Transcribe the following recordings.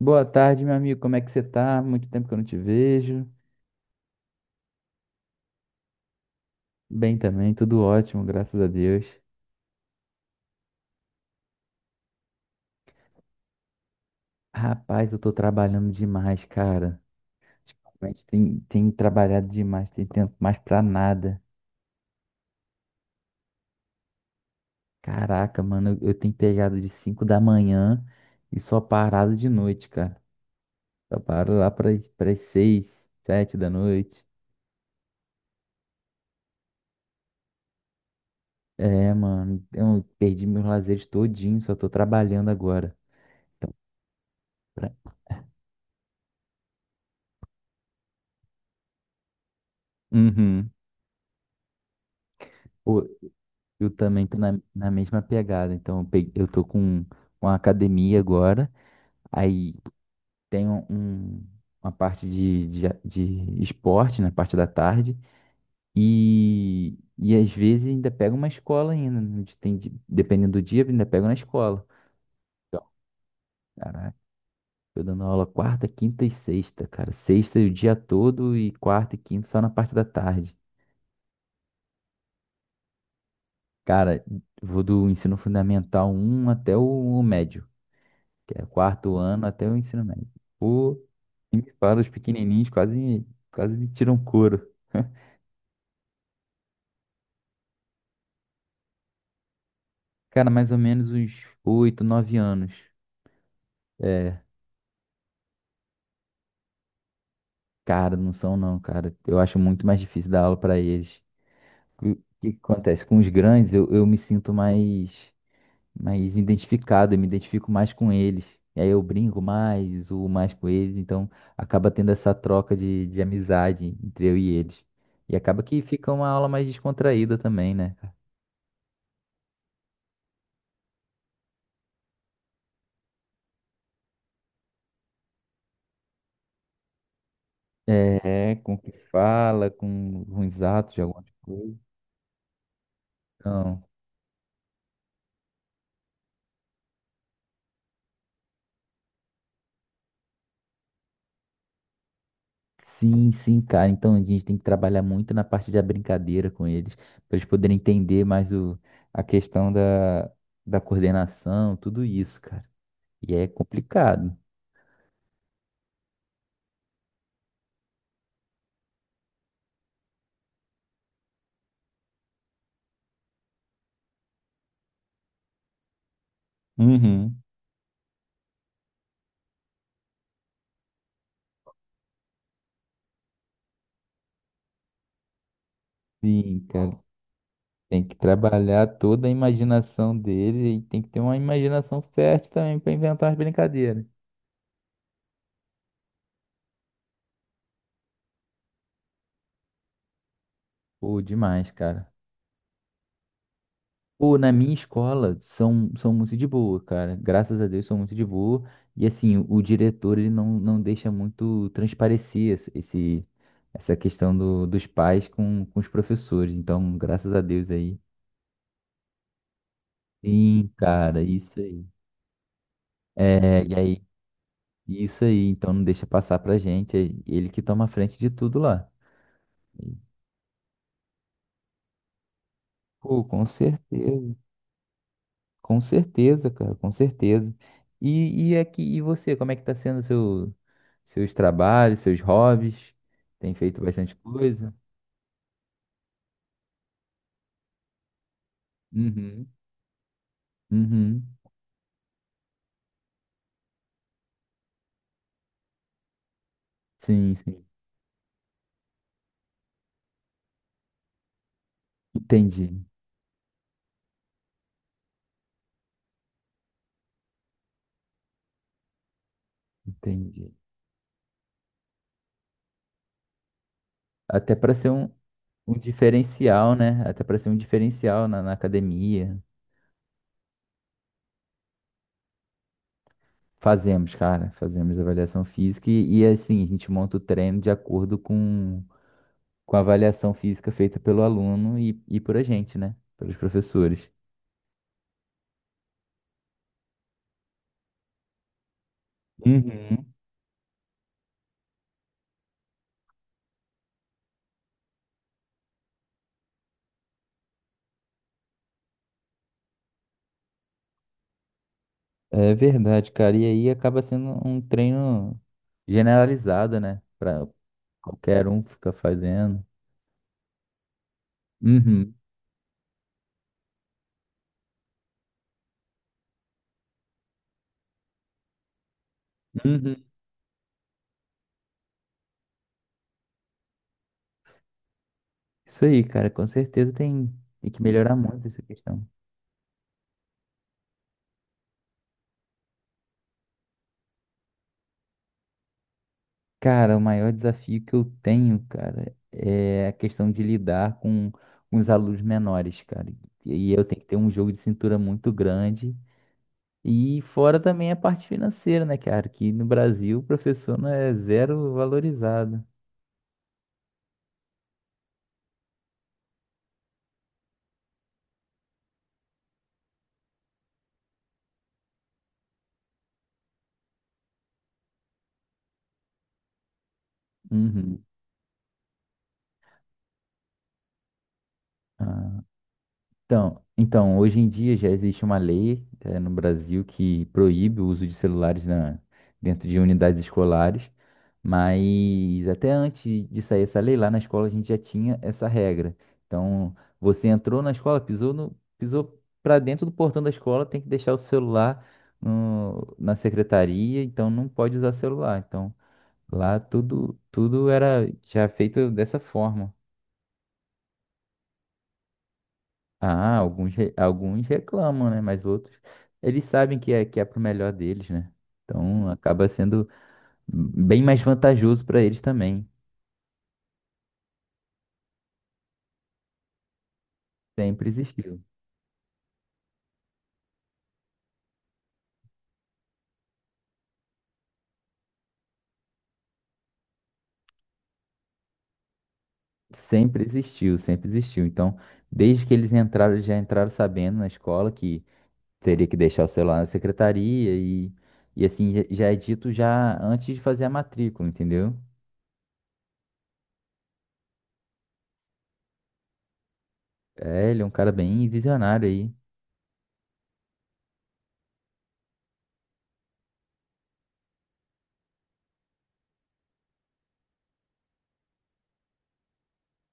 Boa tarde, meu amigo. Como é que você tá? Muito tempo que eu não te vejo. Bem também, tudo ótimo, graças a Deus. Rapaz, eu tô trabalhando demais, cara. Ultimamente tem trabalhado demais, tem tempo mais pra nada. Caraca, mano, eu tenho pegado de 5 da manhã e só parado de noite, cara. Só paro lá pras seis, sete da noite. É, mano, eu perdi meus lazeres todinho, só tô trabalhando agora. Então, pra- uhum. Eu também tô na mesma pegada. Então, eu tô com uma academia agora. Aí tem uma parte de esporte na parte da tarde. E às vezes ainda pego uma escola ainda. Né? Tem, dependendo do dia, ainda pego na escola. Então, caraca, tô dando aula quarta, quinta e sexta, cara. Sexta o dia todo e quarta e quinta só na parte da tarde. Cara, vou do ensino fundamental um até o médio. Que é quarto ano até o ensino médio. Pô, nem me fala, os pequenininhos quase, quase me tiram couro. Cara, mais ou menos uns oito, nove anos. É, cara, não são não, cara. Eu acho muito mais difícil dar aula pra eles. O que que acontece? Com os grandes, eu me sinto mais, mais identificado, eu me identifico mais com eles. E aí eu brinco mais, zoo mais com eles, então acaba tendo essa troca de amizade entre eu e eles. E acaba que fica uma aula mais descontraída também, né? É, com o que fala, com ruins atos de alguma coisa. Então, sim, sim, cara. Então a gente tem que trabalhar muito na parte da brincadeira com eles, para eles poderem entender mais o, a questão da coordenação, tudo isso, cara. E é complicado. Uhum. Sim, cara. Tem que trabalhar toda a imaginação dele e tem que ter uma imaginação fértil também para inventar as brincadeiras. Pô, demais, cara. Pô, na minha escola são, são muito de boa, cara. Graças a Deus são muito de boa. E assim, o diretor ele não deixa muito transparecer essa questão do, dos pais com os professores. Então, graças a Deus aí. Sim, cara, isso aí. É, e aí, isso aí. Então, não deixa passar pra gente. É ele que toma a frente de tudo lá. Pô, com certeza. Com certeza, cara, com certeza. E aqui, e você, como é que tá sendo seu, seus trabalhos, seus hobbies? Tem feito bastante coisa? Uhum, uhum. Sim, sim. Entendi, entendi. Até para ser um, um diferencial, né? Até para ser um diferencial na academia. Fazemos, cara, fazemos avaliação física e, assim, a gente monta o treino de acordo com a avaliação física feita pelo aluno e por a gente, né? Pelos professores. Uhum. É verdade, cara. E aí acaba sendo um treino generalizado, né? Pra qualquer um ficar fazendo. Uhum. Uhum. Isso aí, cara. Com certeza tem, tem que melhorar muito essa questão. Cara, o maior desafio que eu tenho, cara, é a questão de lidar com os alunos menores, cara. E eu tenho que ter um jogo de cintura muito grande. E fora também a parte financeira, né, cara? Que no Brasil o professor não é zero valorizado. Uhum. Ah. Então, hoje em dia já existe uma lei, no Brasil que proíbe o uso de celulares dentro de unidades escolares, mas até antes de sair essa lei, lá na escola a gente já tinha essa regra. Então, você entrou na escola, pisou no, pisou para dentro do portão da escola, tem que deixar o celular na secretaria, então não pode usar celular. Então, lá tudo, tudo era já feito dessa forma. Ah, alguns reclamam, né? Mas outros, eles sabem que é pro melhor deles, né? Então acaba sendo bem mais vantajoso para eles também. Sempre existiu. Sempre existiu, sempre existiu. Então, desde que eles entraram, eles já entraram sabendo na escola que teria que deixar o celular na secretaria e assim, já já é dito já antes de fazer a matrícula, entendeu? É, ele é um cara bem visionário aí.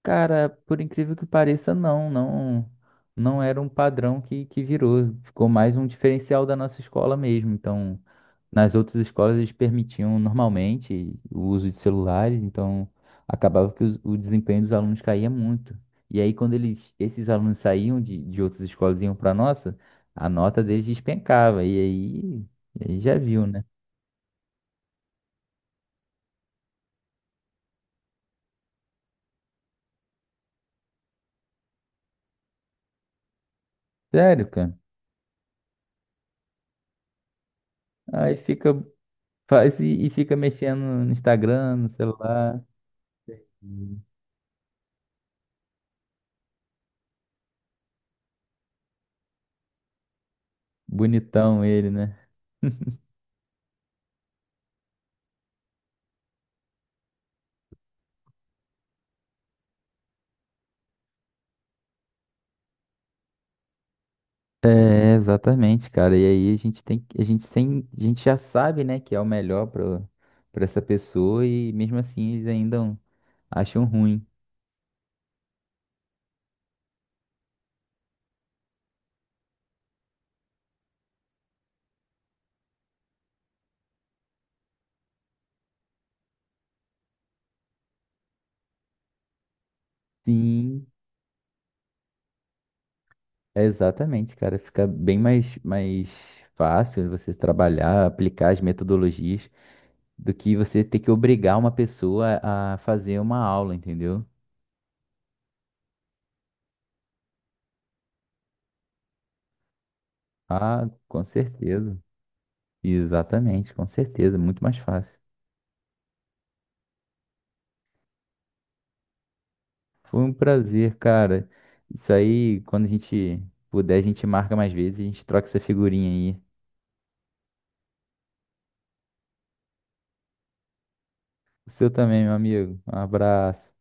Cara, por incrível que pareça, não, não, não era um padrão que virou. Ficou mais um diferencial da nossa escola mesmo. Então, nas outras escolas eles permitiam normalmente o uso de celulares, então acabava que o desempenho dos alunos caía muito. E aí, quando eles, esses alunos saíam de outras escolas e iam para nossa, a nota deles despencava. E aí já viu, né? Sério, cara. Aí fica, faz e fica mexendo no Instagram, no celular. Bonitão ele, né? É, exatamente, cara. E aí a gente a gente tem, a gente já sabe, né, que é o melhor para para essa pessoa e mesmo assim eles ainda acham ruim. Sim. Exatamente, cara. Fica bem mais, mais fácil você trabalhar, aplicar as metodologias do que você ter que obrigar uma pessoa a fazer uma aula, entendeu? Ah, com certeza. Exatamente, com certeza. Muito mais fácil. Foi um prazer, cara. Isso aí, quando a gente puder, a gente marca mais vezes, a gente troca essa figurinha aí. O seu também, meu amigo. Um abraço.